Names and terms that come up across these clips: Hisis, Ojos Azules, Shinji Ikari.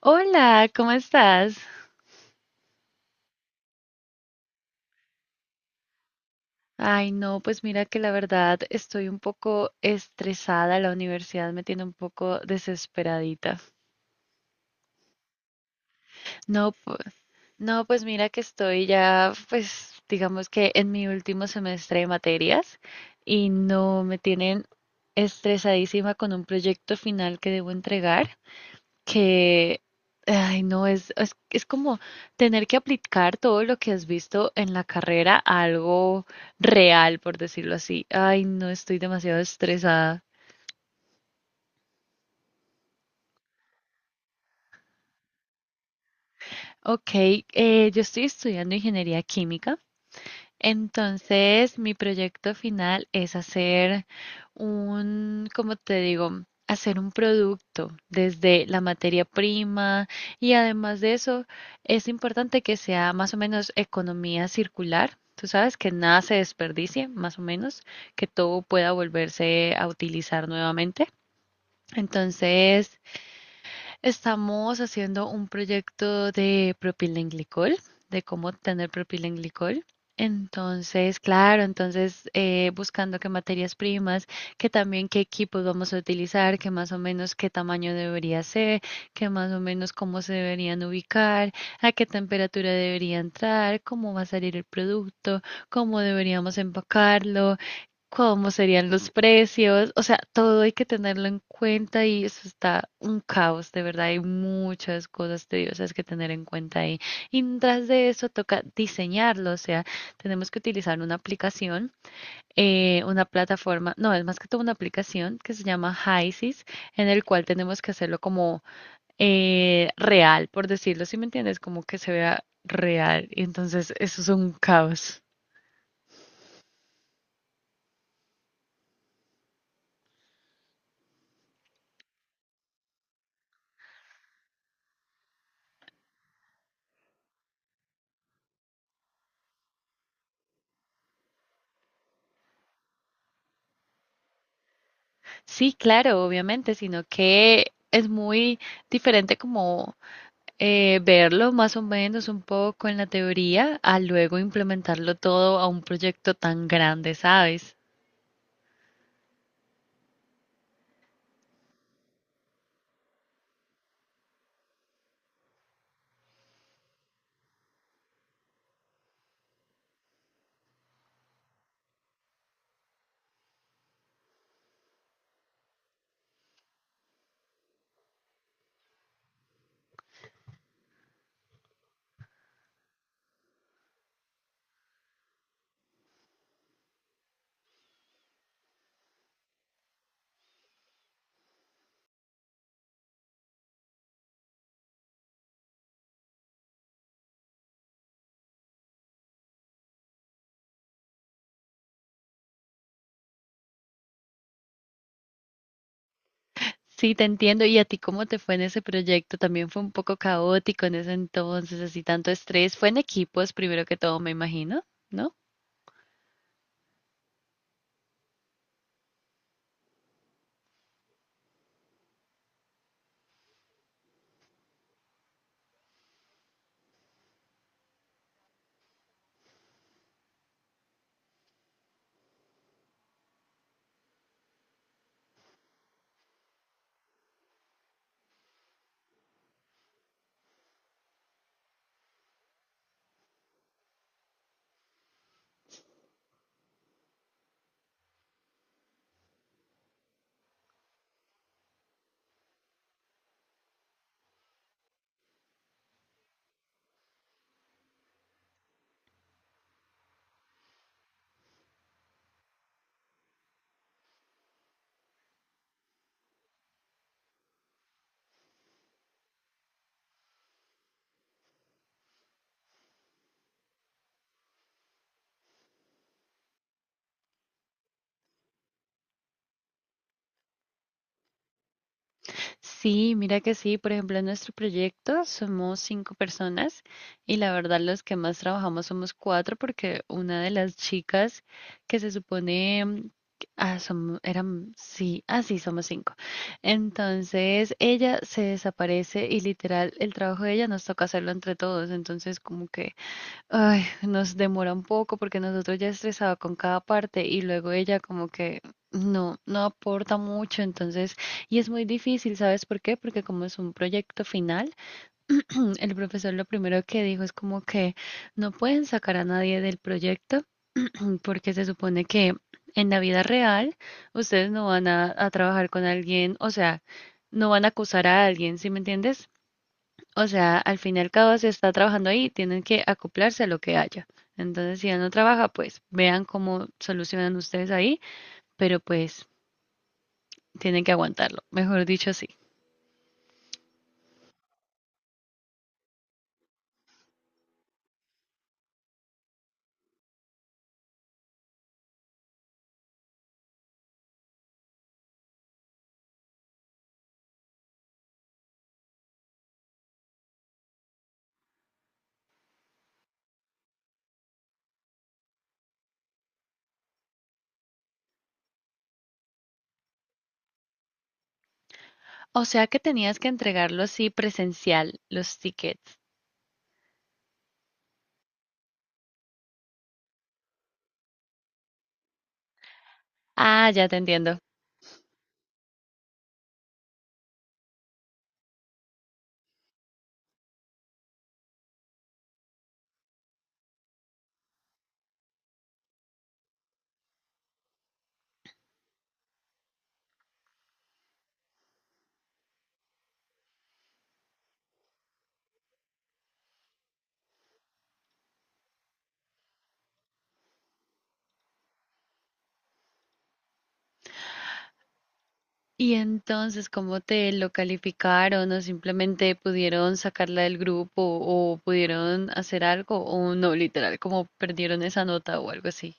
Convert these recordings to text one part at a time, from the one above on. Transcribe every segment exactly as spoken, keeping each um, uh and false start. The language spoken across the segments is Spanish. Hola, ¿cómo estás? Ay, no, pues mira que la verdad estoy un poco estresada, la universidad me tiene un poco desesperadita. No, pu- no, pues mira que estoy ya, pues digamos que en mi último semestre de materias y no me tienen estresadísima con un proyecto final que debo entregar. Que, ay, no, es, es, es como tener que aplicar todo lo que has visto en la carrera a algo real, por decirlo así. Ay, no, estoy demasiado estresada. Ok, eh, yo estoy estudiando ingeniería química. Entonces, mi proyecto final es hacer un, como te digo, hacer un producto desde la materia prima y además de eso, es importante que sea más o menos economía circular. Tú sabes que nada se desperdicie, más o menos, que todo pueda volverse a utilizar nuevamente. Entonces, estamos haciendo un proyecto de propilenglicol, de cómo obtener propilenglicol. Entonces, claro, entonces eh, buscando qué materias primas, que también qué equipos vamos a utilizar, que más o menos qué tamaño debería ser, que más o menos cómo se deberían ubicar, a qué temperatura debería entrar, cómo va a salir el producto, cómo deberíamos empacarlo, cómo serían los precios, o sea, todo hay que tenerlo en cuenta y eso está un caos, de verdad, hay muchas cosas tediosas que tener en cuenta ahí. Y tras de eso toca diseñarlo, o sea, tenemos que utilizar una aplicación, eh, una plataforma, no, es más que todo una aplicación que se llama Hisis, en el cual tenemos que hacerlo como eh, real, por decirlo, ¿si me entiendes? Como que se vea real, y entonces eso es un caos. Sí, claro, obviamente, sino que es muy diferente como eh, verlo más o menos un poco en la teoría a luego implementarlo todo a un proyecto tan grande, ¿sabes? Sí, te entiendo. ¿Y a ti cómo te fue en ese proyecto? También fue un poco caótico en ese entonces, así tanto estrés. Fue en equipos, primero que todo, me imagino, ¿no? Sí, mira que sí. Por ejemplo, en nuestro proyecto somos cinco personas y la verdad los que más trabajamos somos cuatro porque una de las chicas que se supone... mm, que- Ah, som- eran, sí, ah, sí, somos cinco. Entonces ella se desaparece y literal el trabajo de ella nos toca hacerlo entre todos. Entonces como que ay, nos demora un poco porque nosotros ya estresado con cada parte y luego ella como que no, no aporta mucho, entonces, y es muy difícil, ¿sabes por qué? Porque como es un proyecto final, el profesor lo primero que dijo es como que no pueden sacar a nadie del proyecto porque se supone que en la vida real ustedes no van a, a trabajar con alguien, o sea, no van a acusar a alguien, ¿sí me entiendes? O sea, al fin y al cabo se está trabajando ahí, tienen que acoplarse a lo que haya. Entonces, si él no trabaja, pues vean cómo solucionan ustedes ahí, pero pues tienen que aguantarlo, mejor dicho sí. O sea que tenías que entregarlo así presencial, los tickets. Ah, ya te entiendo. Y entonces, ¿cómo te lo calificaron o simplemente pudieron sacarla del grupo o pudieron hacer algo o no, literal, como perdieron esa nota o algo así?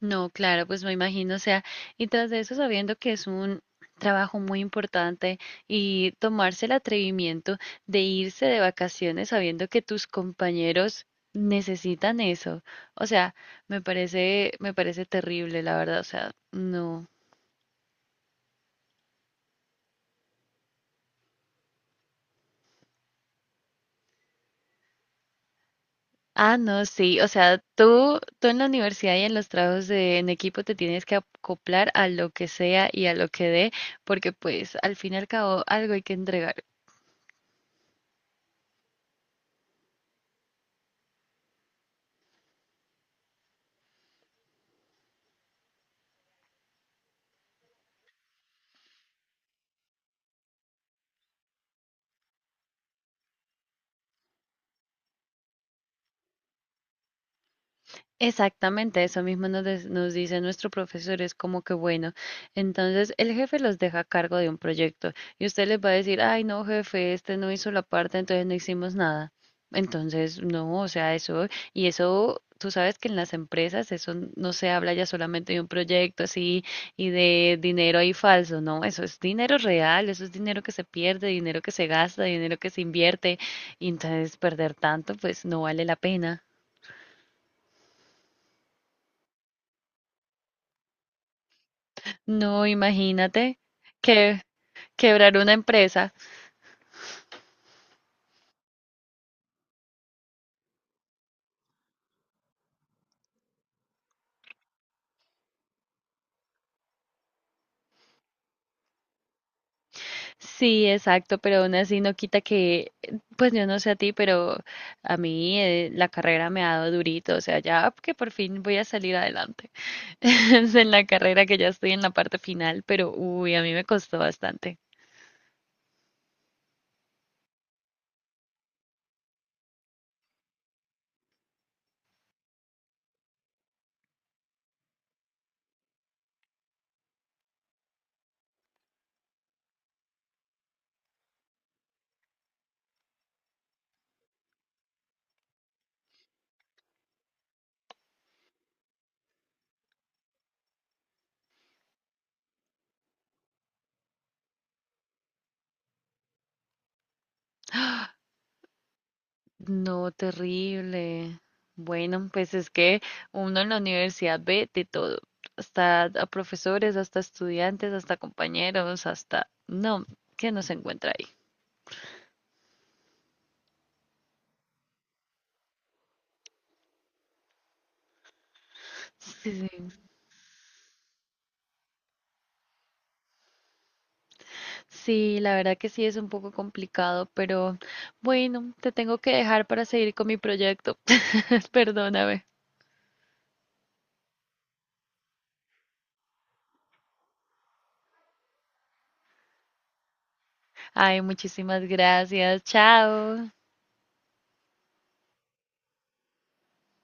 No, claro, pues me imagino, o sea, y tras de eso sabiendo que es un trabajo muy importante y tomarse el atrevimiento de irse de vacaciones sabiendo que tus compañeros necesitan eso. O sea, me parece, me parece terrible, la verdad, o sea, no. Ah, no, sí, o sea, tú, tú en la universidad y en los trabajos de, en equipo te tienes que acoplar a lo que sea y a lo que dé, porque pues al fin y al cabo algo hay que entregar. Exactamente, eso mismo nos, des- nos dice nuestro profesor, es como que bueno, entonces el jefe los deja a cargo de un proyecto y usted les va a decir, ay no jefe, este no hizo la parte, entonces no hicimos nada. Entonces, no, o sea, eso, y eso, tú sabes que en las empresas eso no se habla ya solamente de un proyecto así y de dinero ahí falso, no, eso es dinero real, eso es dinero que se pierde, dinero que se gasta, dinero que se invierte, y entonces perder tanto, pues no vale la pena. No, imagínate que quebrar una empresa. Sí, exacto, pero aún así no quita que, pues yo no sé a ti, pero a mí eh, la carrera me ha dado durito, o sea, ya que por fin voy a salir adelante en la carrera que ya estoy en la parte final, pero uy, a mí me costó bastante. No, terrible. Bueno, pues es que uno en la universidad ve de todo, hasta a profesores, hasta estudiantes, hasta compañeros, hasta... No, que no se encuentra ahí. Sí, sí, sí, la verdad que sí es un poco complicado, pero bueno, te tengo que dejar para seguir con mi proyecto. Perdóname. Ay, muchísimas gracias. Chao.